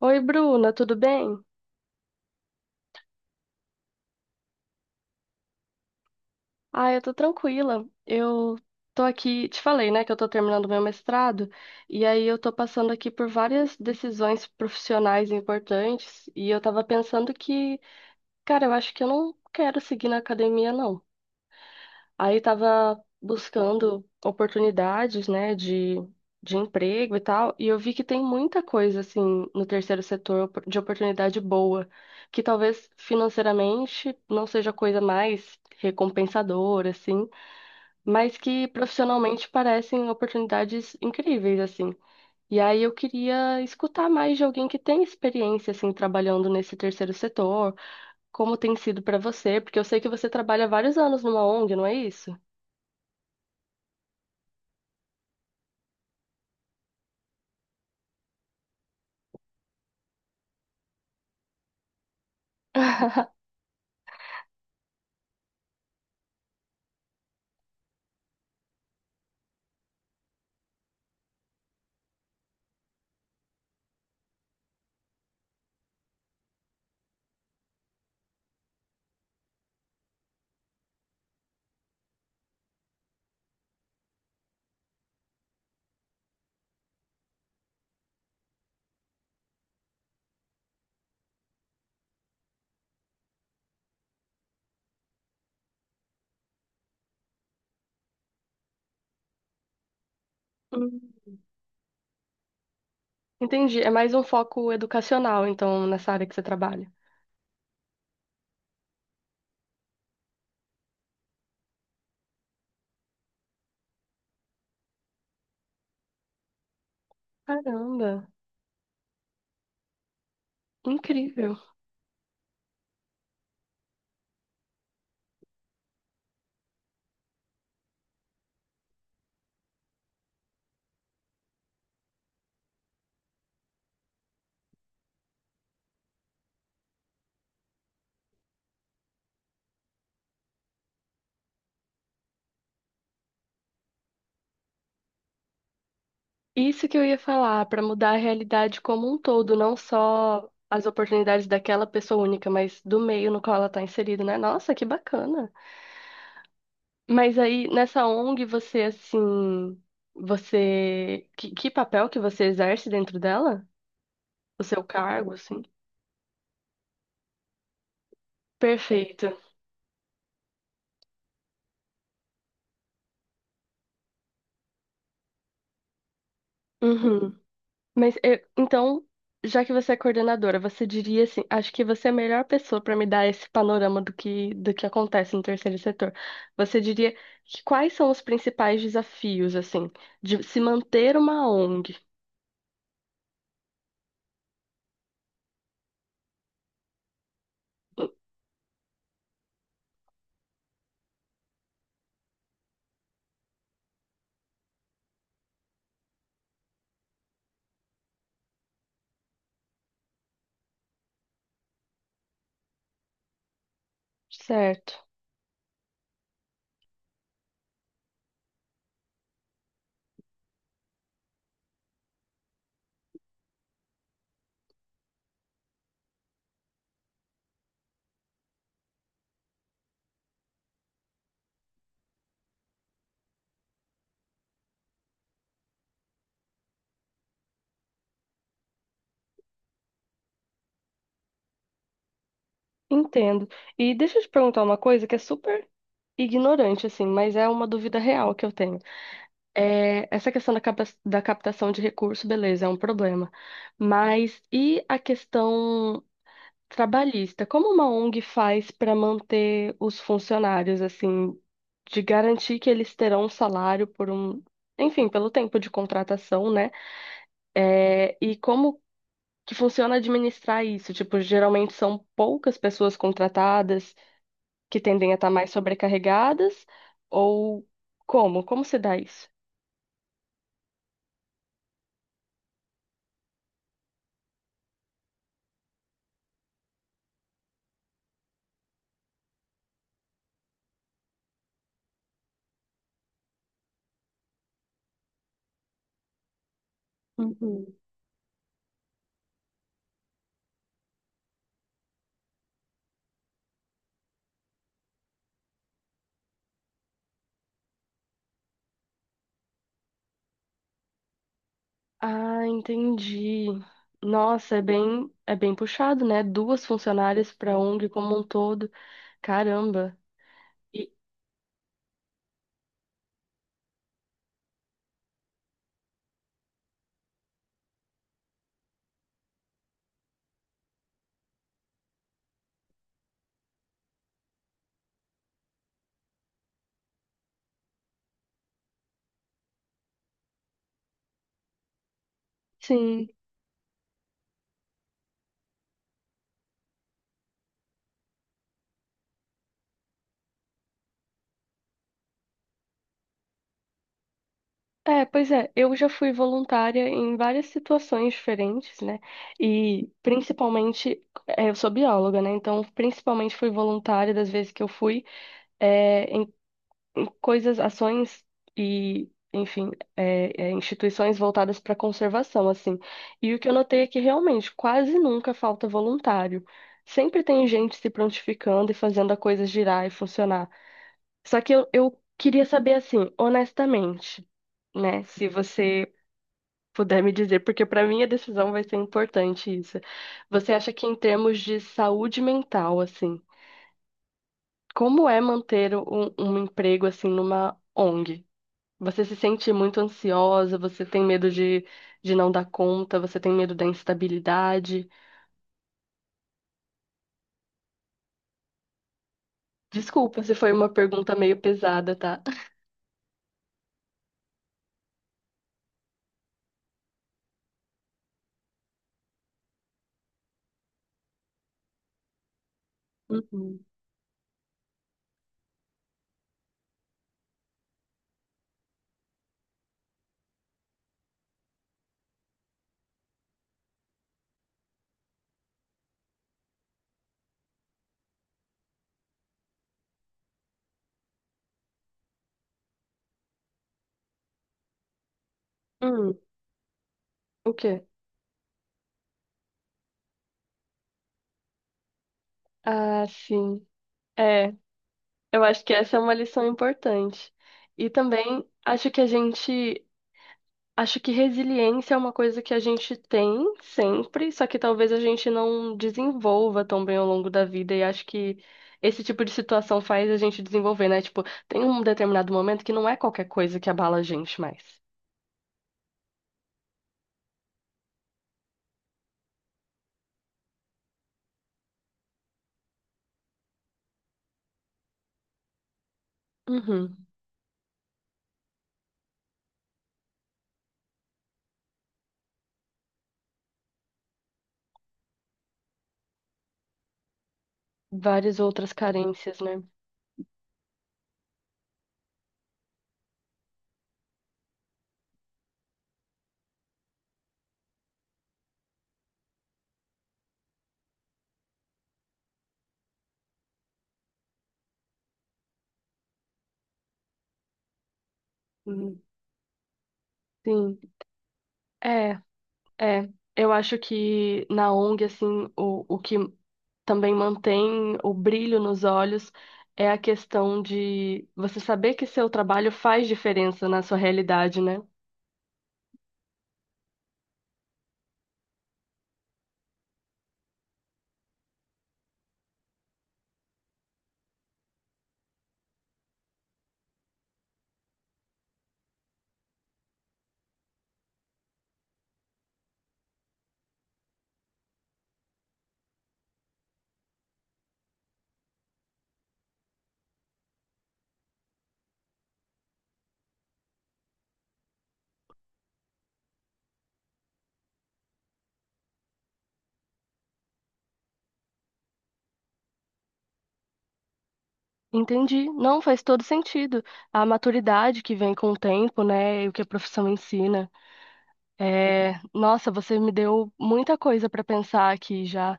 Oi, Bruna, tudo bem? Ah, eu tô tranquila. Eu tô aqui, te falei, né, que eu tô terminando meu mestrado, e aí eu tô passando aqui por várias decisões profissionais importantes, e eu tava pensando que, cara, eu acho que eu não quero seguir na academia, não. Aí estava buscando oportunidades, né, de emprego e tal, e eu vi que tem muita coisa, assim, no terceiro setor de oportunidade boa, que talvez financeiramente não seja a coisa mais recompensadora, assim, mas que profissionalmente parecem oportunidades incríveis, assim. E aí eu queria escutar mais de alguém que tem experiência, assim, trabalhando nesse terceiro setor, como tem sido para você, porque eu sei que você trabalha há vários anos numa ONG, não é isso? Hum. Entendi. É mais um foco educacional, então, nessa área que você trabalha. Caramba, incrível. Isso que eu ia falar, para mudar a realidade como um todo, não só as oportunidades daquela pessoa única, mas do meio no qual ela está inserida, né? Nossa, que bacana. Mas aí, nessa ONG, você, assim, você... que papel que você exerce dentro dela? O seu cargo, assim? Perfeito. Uhum. Então, já que você é coordenadora, você diria assim, acho que você é a melhor pessoa para me dar esse panorama do que acontece no terceiro setor. Você diria que quais são os principais desafios, assim, de se manter uma ONG? Certo, entendo. E deixa eu te perguntar uma coisa que é super ignorante, assim, mas é uma dúvida real que eu tenho. É, essa questão da, da captação de recurso, beleza, é um problema. Mas e a questão trabalhista, como uma ONG faz para manter os funcionários, assim, de garantir que eles terão um salário por um, enfim, pelo tempo de contratação, né? É, e como que funciona administrar isso? Tipo, geralmente são poucas pessoas contratadas que tendem a estar mais sobrecarregadas, ou como? Como se dá isso? Uhum. Ah, entendi. Nossa, é bem puxado, né? Duas funcionárias para a ONG como um todo. Caramba. E- Sim. É, pois é, eu já fui voluntária em várias situações diferentes, né? E principalmente, é, eu sou bióloga, né? Então, principalmente fui voluntária das vezes que eu fui, é, em, em coisas, ações e, enfim, é, é, instituições voltadas para conservação, assim. E o que eu notei é que realmente quase nunca falta voluntário. Sempre tem gente se prontificando e fazendo a coisa girar e funcionar. Só que eu queria saber, assim, honestamente, né? Se você puder me dizer, porque para mim a decisão vai ser importante isso. Você acha que em termos de saúde mental, assim, como é manter um, um emprego, assim, numa ONG? Você se sente muito ansiosa, você tem medo de não dar conta, você tem medo da instabilidade? Desculpa se foi uma pergunta meio pesada, tá? Uhum. Hum, o quê? Ah, sim. É, eu acho que essa é uma lição importante. E também acho que a gente, acho que resiliência é uma coisa que a gente tem sempre, só que talvez a gente não desenvolva tão bem ao longo da vida. E acho que esse tipo de situação faz a gente desenvolver, né? Tipo, tem um determinado momento que não é qualquer coisa que abala a gente mais. Uhum. Várias outras carências, né? Hum. Sim. É. É, eu acho que na ONG, assim, o que também mantém o brilho nos olhos é a questão de você saber que seu trabalho faz diferença na sua realidade, né? Entendi. Não, faz todo sentido. A maturidade que vem com o tempo, né? E o que a profissão ensina. É, nossa, você me deu muita coisa para pensar aqui já.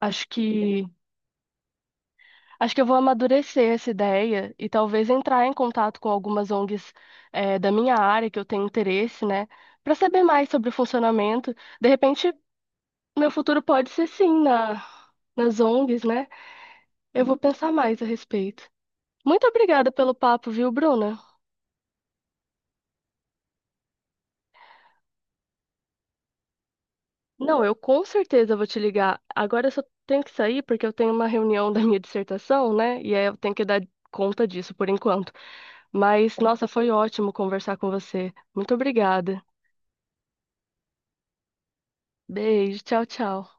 Acho que. Acho que eu vou amadurecer essa ideia e talvez entrar em contato com algumas ONGs, da minha área que eu tenho interesse, né? Para saber mais sobre o funcionamento. De repente, meu futuro pode ser sim na, nas ONGs, né? Eu vou pensar mais a respeito. Muito obrigada pelo papo, viu, Bruna? Não, eu com certeza vou te ligar. Agora eu só tenho que sair porque eu tenho uma reunião da minha dissertação, né? E aí eu tenho que dar conta disso por enquanto. Mas, nossa, foi ótimo conversar com você. Muito obrigada. Beijo, tchau, tchau.